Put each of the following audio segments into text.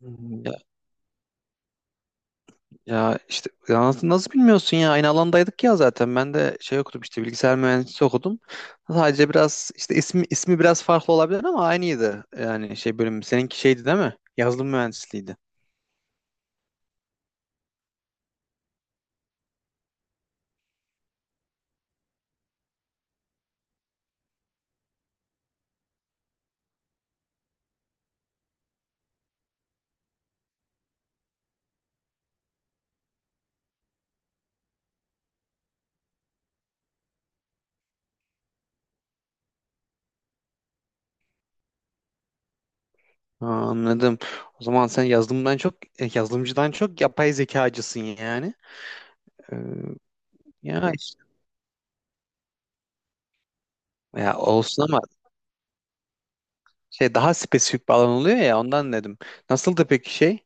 Hmm. Nasıl, bilmiyorsun ya, aynı alandaydık ya. Zaten ben de okudum işte, bilgisayar mühendisliği okudum. Sadece biraz işte ismi, biraz farklı olabilir ama aynıydı. Yani bölüm, seninki şeydi değil mi, yazılım mühendisliğiydi. Ha, anladım. O zaman sen yazılımdan çok, yazılımcıdan çok yapay zekacısın yani. Ee, ya işte ya olsun ama daha spesifik bir alan oluyor ya, ondan dedim. Nasıldı peki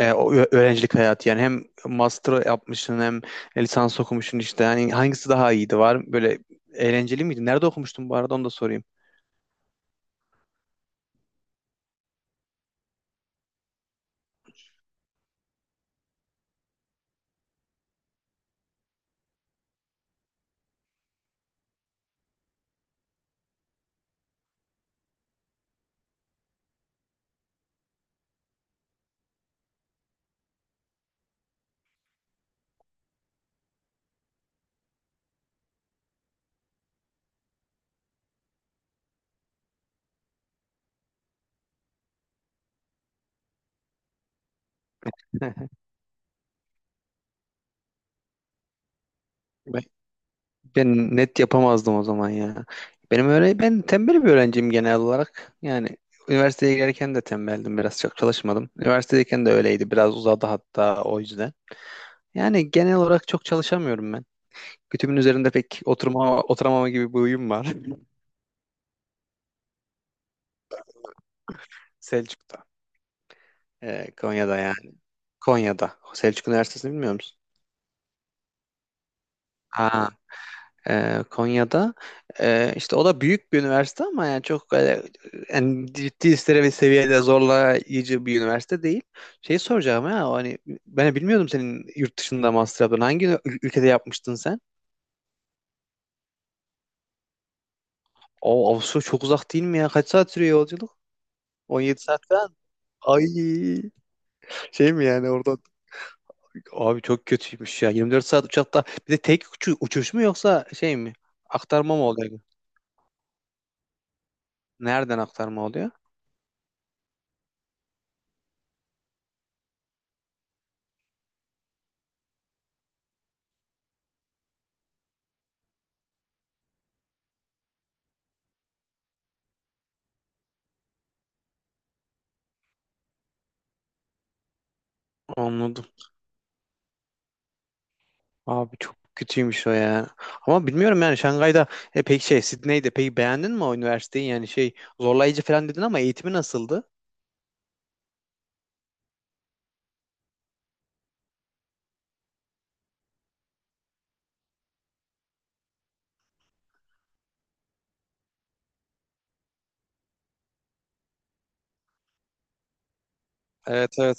öğrencilik hayatı? Yani hem master yapmışsın hem lisans okumuşsun işte. Hani hangisi daha iyiydi, var böyle eğlenceli miydi? Nerede okumuştun bu arada, onu da sorayım. Ben, ben net yapamazdım o zaman ya. Ben tembel bir öğrenciyim genel olarak. Yani üniversiteye girerken de tembeldim, biraz çok çalışmadım. Üniversitedeyken de öyleydi, biraz uzadı hatta o yüzden. Yani genel olarak çok çalışamıyorum ben. Kütüğümün üzerinde pek oturamama gibi bir huyum var. Selçuk'ta, Konya'da yani. Konya'da. Selçuk Üniversitesi'ni bilmiyor musun? Ha, Konya'da. İşte o da büyük bir üniversite ama yani çok öyle, yani ciddi bir seviyede zorlayıcı bir üniversite değil. Şeyi soracağım ya, hani ben bilmiyordum senin yurt dışında master yaptığını. Hangi ülkede yapmıştın sen? O Avusturya çok uzak değil mi ya? Kaç saat sürüyor yolculuk? 17 saat falan. Ay, şey mi yani orada, abi çok kötüymüş ya. 24 saat uçakta, bir de tek uçuş mu yoksa şey mi, aktarma mı oluyor? Nereden aktarma oluyor? Anladım. Abi çok kötüymüş o ya. Ama bilmiyorum yani. Şangay'da peki Sydney'de peki, beğendin mi o üniversiteyi? Yani şey, zorlayıcı falan dedin ama eğitimi nasıldı? Evet, evet.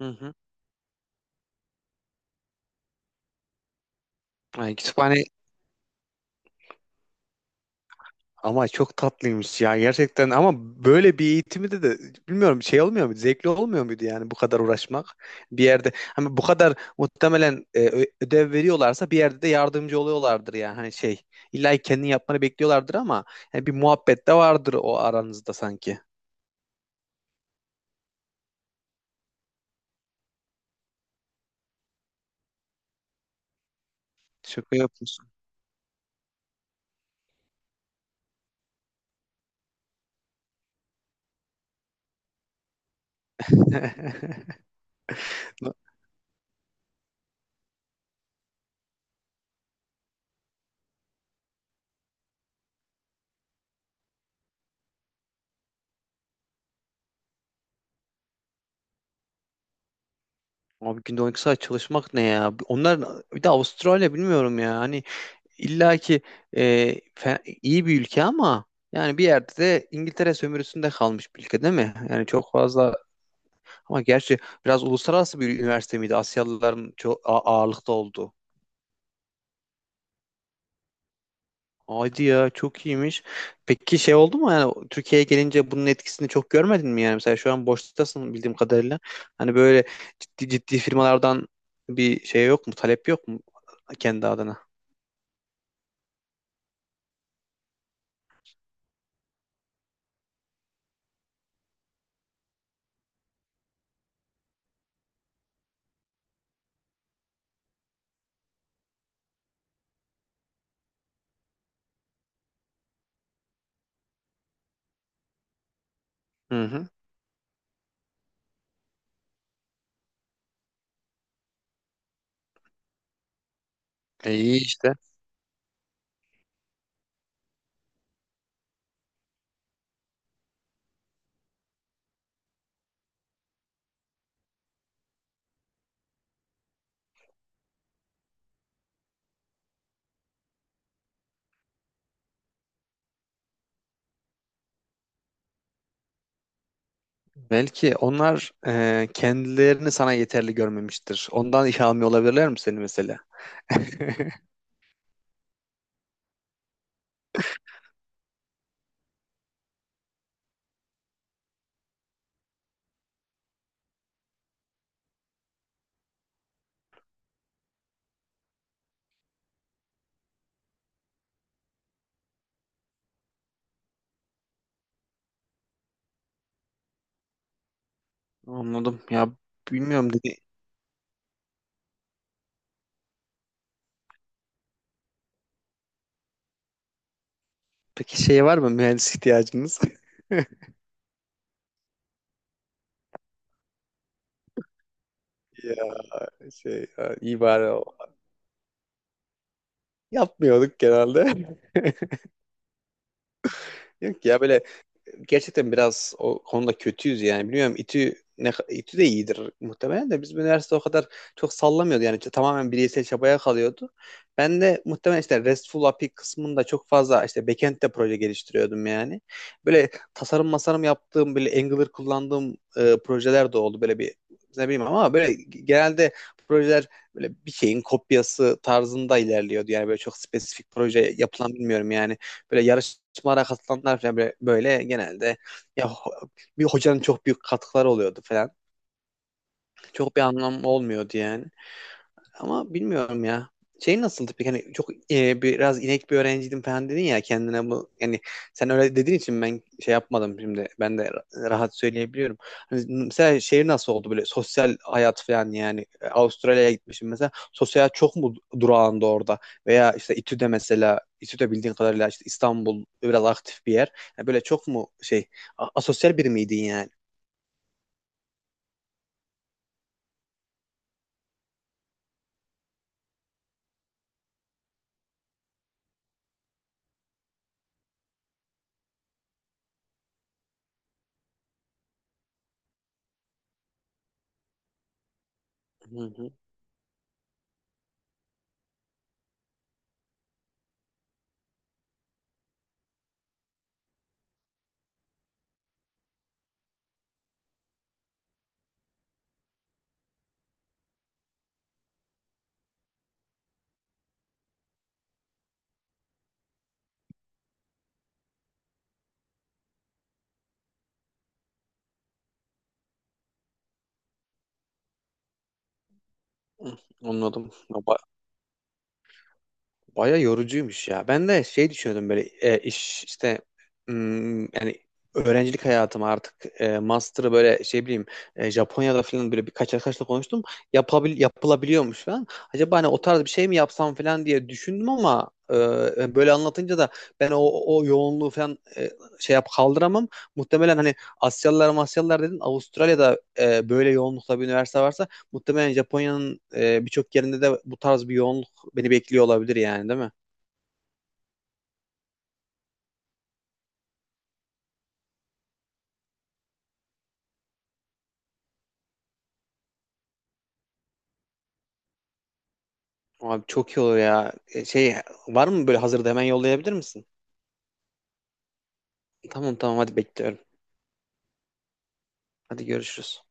Hı hı. Yani kütüphane. Ama çok tatlıymış ya gerçekten, ama böyle bir eğitimi de bilmiyorum, şey olmuyor muydu, zevkli olmuyor muydu yani? Bu kadar uğraşmak bir yerde, hani bu kadar muhtemelen ödev veriyorlarsa bir yerde de yardımcı oluyorlardır yani. Hani şey, illa ki kendin yapmanı bekliyorlardır ama yani bir muhabbet de vardır o aranızda sanki. Şaka yapmışsın. Abi günde 12 saat çalışmak ne ya? Onlar, bir de Avustralya, bilmiyorum ya. Hani İlla ki e, iyi bir ülke ama yani bir yerde de İngiltere sömürüsünde kalmış bir ülke değil mi? Yani çok fazla, ama gerçi biraz uluslararası bir üniversite miydi, Asyalıların çok ağırlıkta olduğu? Haydi ya, çok iyiymiş. Peki şey oldu mu yani, Türkiye'ye gelince bunun etkisini çok görmedin mi yani? Mesela şu an boştasın bildiğim kadarıyla. Hani böyle ciddi ciddi firmalardan bir şey yok mu, talep yok mu kendi adına? Hı hı. İyi işte. Belki onlar kendilerini sana yeterli görmemiştir. Ondan iş almıyor olabilirler mi seni mesela? Anladım. Ya bilmiyorum dedi. Peki şey, var mı mühendis ihtiyacınız? Ya şey ya, iyi bari o. Yapmıyorduk genelde. Yok ya, böyle gerçekten biraz o konuda kötüyüz yani. Biliyorum İTÜ de iyidir muhtemelen, de bizim üniversite o kadar çok sallamıyordu. Yani işte tamamen bireysel çabaya kalıyordu. Ben de muhtemelen işte RESTful API kısmında çok fazla işte backend'de proje geliştiriyordum yani. Böyle tasarım masarım yaptığım, böyle Angular kullandığım projeler de oldu. Böyle bir ne bileyim ama böyle genelde projeler böyle bir şeyin kopyası tarzında ilerliyordu. Yani böyle çok spesifik proje yapılan bilmiyorum yani. Böyle yarışmalara katılanlar falan böyle, genelde ya ho- bir hocanın çok büyük katkıları oluyordu falan. Çok bir anlam olmuyordu yani. Ama bilmiyorum ya. Şey nasıldı peki? Hani çok biraz inek bir öğrenciydim falan dedin ya kendine, bu yani sen öyle dediğin için ben şey yapmadım şimdi. Ben de rahat söyleyebiliyorum. Hani mesela şehir nasıl oldu, böyle sosyal hayat falan yani. Avustralya'ya gitmişim mesela, sosyal hayat çok mu durağında orada, veya işte İTÜ'de mesela, İTÜ'de bildiğin kadarıyla işte İstanbul biraz aktif bir yer. Yani böyle çok mu şey, asosyal biri miydin yani? Hı hı. Anladım. Baya yorucuymuş ya. Ben de şey düşünüyordum böyle iş işte, hmm, yani öğrencilik hayatım artık master'ı böyle şey bileyim, Japonya'da falan, böyle birkaç arkadaşla konuştum. Yapılabiliyormuş falan. Acaba hani o tarz bir şey mi yapsam falan diye düşündüm ama böyle anlatınca da ben o yoğunluğu falan şey yap kaldıramam. Muhtemelen hani Asyalılar Masyalılar dedin, Avustralya'da böyle yoğunlukta bir üniversite varsa muhtemelen Japonya'nın birçok yerinde de bu tarz bir yoğunluk beni bekliyor olabilir yani, değil mi? Abi çok iyi olur ya. Şey var mı böyle hazırda, hemen yollayabilir misin? Tamam, tamam, hadi bekliyorum. Hadi görüşürüz.